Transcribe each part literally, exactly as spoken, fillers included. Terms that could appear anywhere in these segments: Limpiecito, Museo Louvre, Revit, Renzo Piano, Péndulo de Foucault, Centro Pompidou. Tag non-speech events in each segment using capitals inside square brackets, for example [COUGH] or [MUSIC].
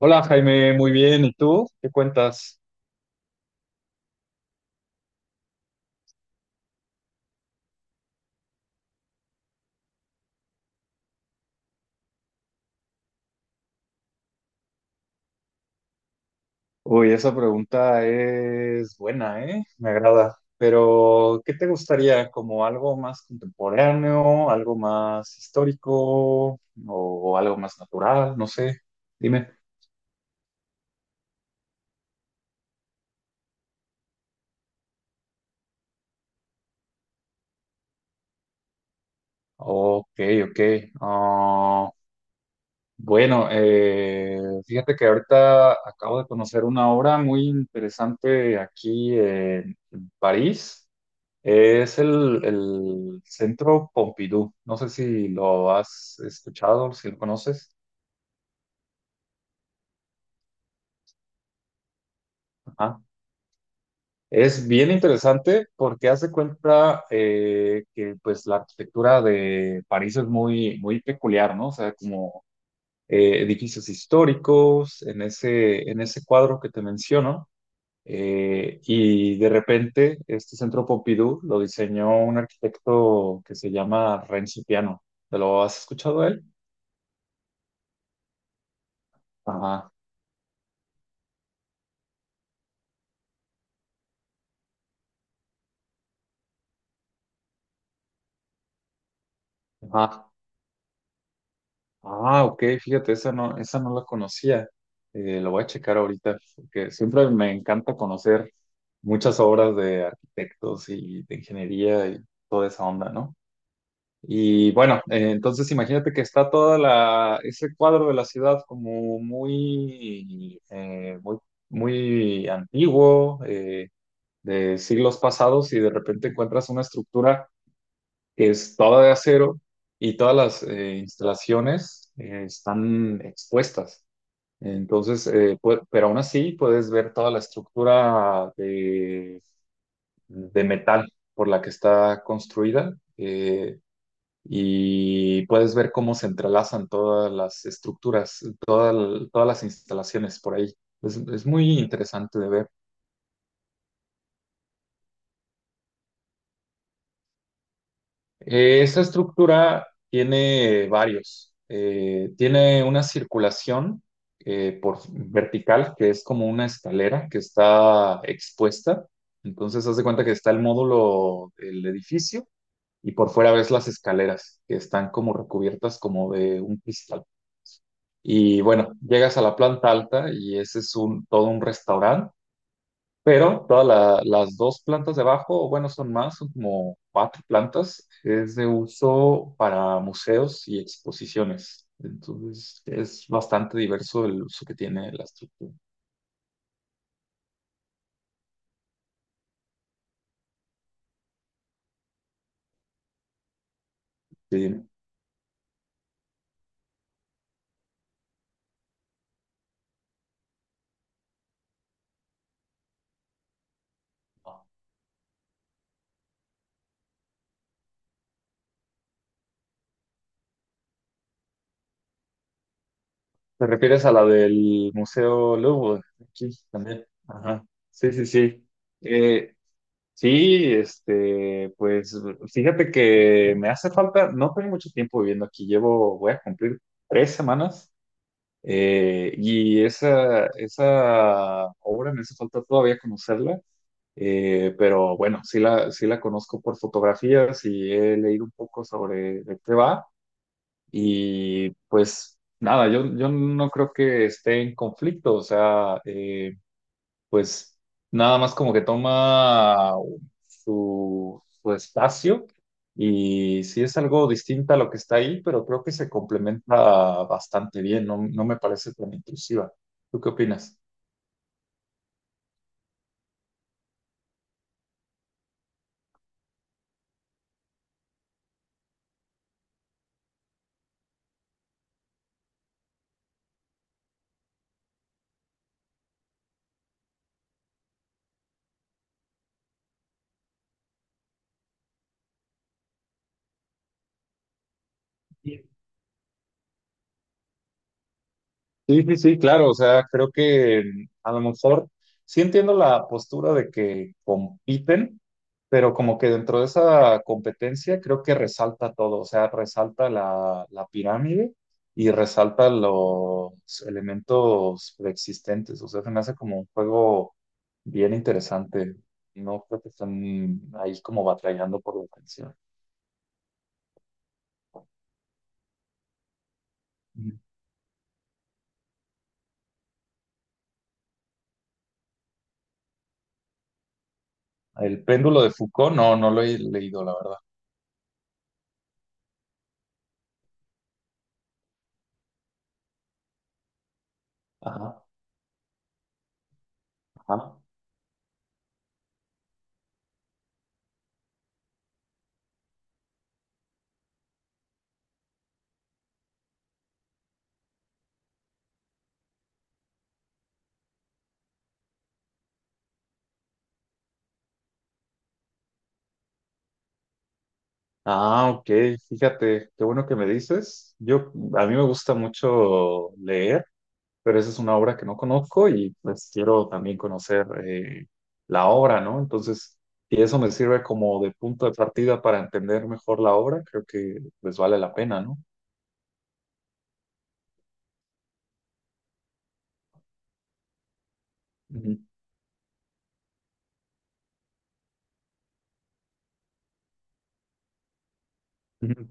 Hola Jaime, muy bien. ¿Y tú? ¿Qué cuentas? Uy, esa pregunta es buena, ¿eh? Me agrada. Pero, ¿qué te gustaría? ¿Como algo más contemporáneo, algo más histórico o algo más natural? No sé. Dime. Ok, ok. Ah, bueno, eh, fíjate que ahorita acabo de conocer una obra muy interesante aquí en en París. Es el, el Centro Pompidou. No sé si lo has escuchado, si lo conoces. Ajá. Es bien interesante porque hace cuenta eh, que pues la arquitectura de París es muy, muy peculiar, ¿no? O sea, como eh, edificios históricos en ese, en ese cuadro que te menciono. Eh, y de repente este Centro Pompidou lo diseñó un arquitecto que se llama Renzo Piano. ¿Te lo has escuchado a él? Ajá. Ajá. Ah, ok, fíjate, esa no, esa no la conocía. Eh, lo voy a checar ahorita, porque siempre me encanta conocer muchas obras de arquitectos y de ingeniería y toda esa onda, ¿no? Y bueno, eh, entonces imagínate que está toda la, ese cuadro de la ciudad como muy, eh, muy, muy antiguo, eh, de siglos pasados, y de repente encuentras una estructura que es toda de acero y todas las eh, instalaciones eh, están expuestas. Entonces, eh, pue- pero aún así puedes ver toda la estructura de, de metal por la que está construida eh, y puedes ver cómo se entrelazan todas las estructuras, toda- todas las instalaciones por ahí. Es, es muy interesante de ver. Eh, esta estructura tiene varios. Eh, tiene una circulación eh, por vertical, que es como una escalera que está expuesta. Entonces, haz de cuenta que está el módulo del edificio y por fuera ves las escaleras que están como recubiertas como de un cristal. Y bueno, llegas a la planta alta y ese es un, todo un restaurante pero todas la- las dos plantas de abajo, o bueno, son más, son como cuatro plantas, es de uso para museos y exposiciones. Entonces, es bastante diverso el uso que tiene la estructura. Sí. ¿Te refieres a la del Museo Louvre? Aquí también. Ajá. Sí, sí, sí. Eh, sí, este, pues fíjate que me hace falta, no tengo mucho tiempo viviendo aquí, llevo, voy a cumplir tres semanas. Eh, y esa, esa obra me hace falta todavía conocerla, eh, pero bueno, sí la, sí la conozco por fotografías y he leído un poco sobre de qué va. Y pues nada, yo, yo no creo que esté en conflicto, o sea, eh, pues nada más como que toma su, su espacio y sí es algo distinta a lo que está ahí, pero creo que se complementa bastante bien, no, no me parece tan intrusiva. ¿Tú qué opinas? Sí, sí, sí, claro, o sea, creo que mm, a lo mejor sí entiendo la postura de que compiten, pero como que dentro de esa competencia creo que resalta todo, o sea, resalta la, la pirámide y resalta los elementos preexistentes, o sea, se me hace como un juego bien interesante, no creo que están ahí como batallando por la atención. Ujú. El péndulo de Foucault, no, no lo he leído, la verdad. Ajá, ajá. Ah, ok, fíjate, qué bueno que me dices. Yo, a mí me gusta mucho leer, pero esa es una obra que no conozco y pues quiero también conocer eh, la obra, ¿no? Entonces, si eso me sirve como de punto de partida para entender mejor la obra, creo que pues vale la pena, ¿no? Ujú, ujú,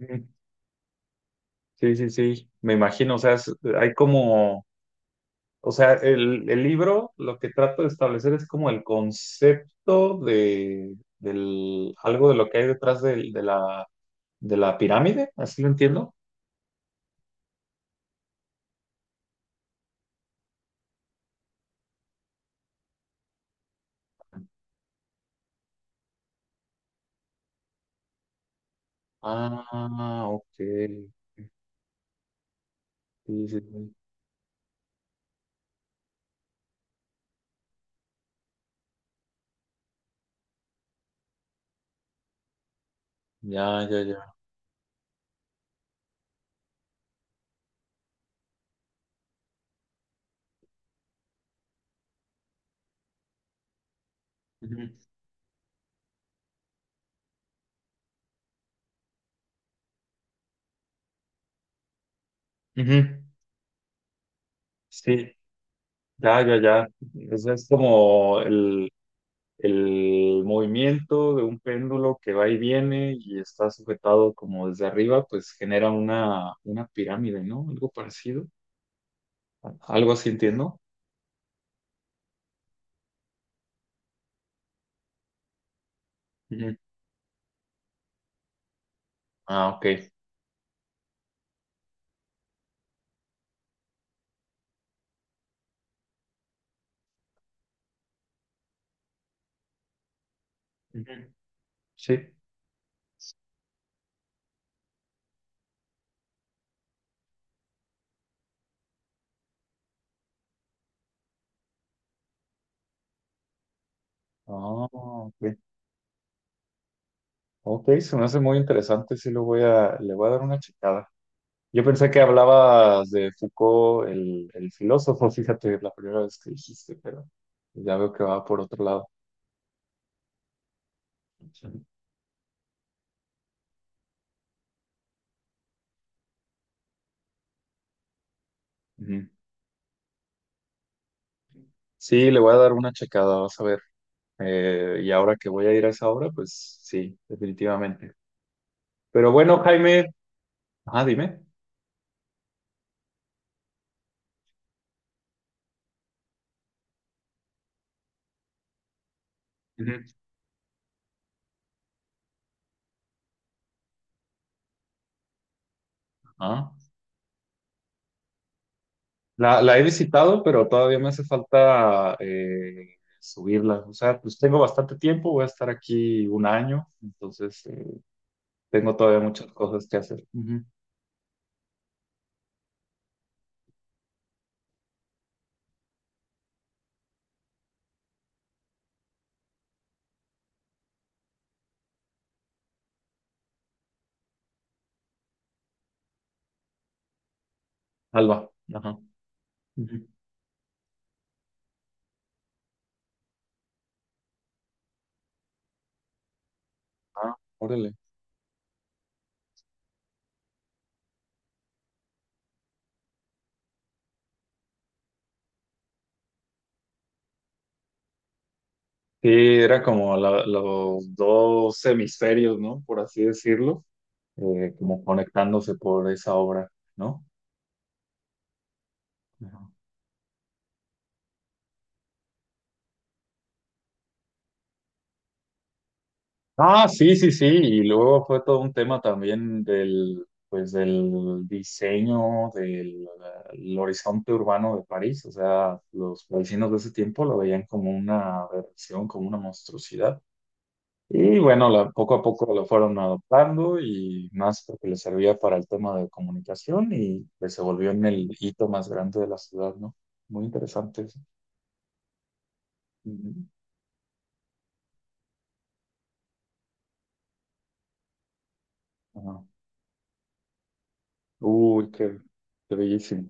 ujú. Sí, sí, sí, me imagino, o sea, es- hay como... O sea, el, el libro lo que trato de establecer es como el concepto de del, algo de lo que hay detrás del- de, la, de la pirámide, así lo entiendo. Ah, ok. Sí, sí, sí. Ya, ya, ya. Ujú, ujú. Sí, ya, ya, ya. Eso es como el, el movimiento de un péndulo que va y viene y está sujetado como desde arriba, pues genera una, una pirámide, ¿no? Algo parecido. Algo así entiendo. Ujú. Ah, ok. Ujú. Sí. Ah, ok. Ok, se me hace muy interesante. Sí, lo voy a, le voy a dar una checada. Yo pensé que hablabas de Foucault, el, el filósofo, fíjate, la primera vez que dijiste, pero ya veo que va por otro lado. Ujú. Sí, le voy a dar una checada, vas a ver. Eh, y ahora que voy a ir a esa obra, pues sí, definitivamente. Pero bueno, Jaime, ah, dime. Ujú. Ah. La, la he visitado, pero todavía me hace falta eh, subirla. O sea, pues tengo bastante tiempo, voy a estar aquí un año, entonces eh, tengo todavía muchas cosas que hacer. Ujú. Alba, ajá. Ujú. Ah, órale. Sí, era como la- los dos hemisferios, ¿no? Por así decirlo, eh, como conectándose por esa obra, ¿no? Ah, sí, sí, sí. Y luego fue todo un tema también del, pues, del diseño del el horizonte urbano de París. O sea, los parisinos de ese tiempo lo veían como una aberración, como una monstruosidad. Y bueno, la- poco a poco lo fueron adoptando y más porque les servía para el tema de comunicación y pues se volvió en el hito más grande de la ciudad, ¿no? Muy interesante eso. Ujú. Ajá. Uy, qué, qué bellísimo.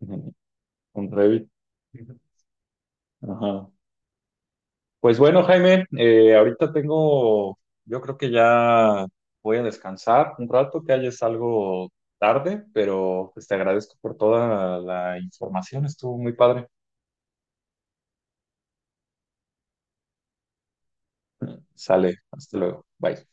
Ujú. [LAUGHS] Un Revit. Ajá. Pues bueno, Jaime, eh, ahorita tengo, yo creo que ya voy a descansar un rato, que ya es algo tarde, pero pues te agradezco por toda la información, estuvo muy padre. Sale, hasta luego, bye.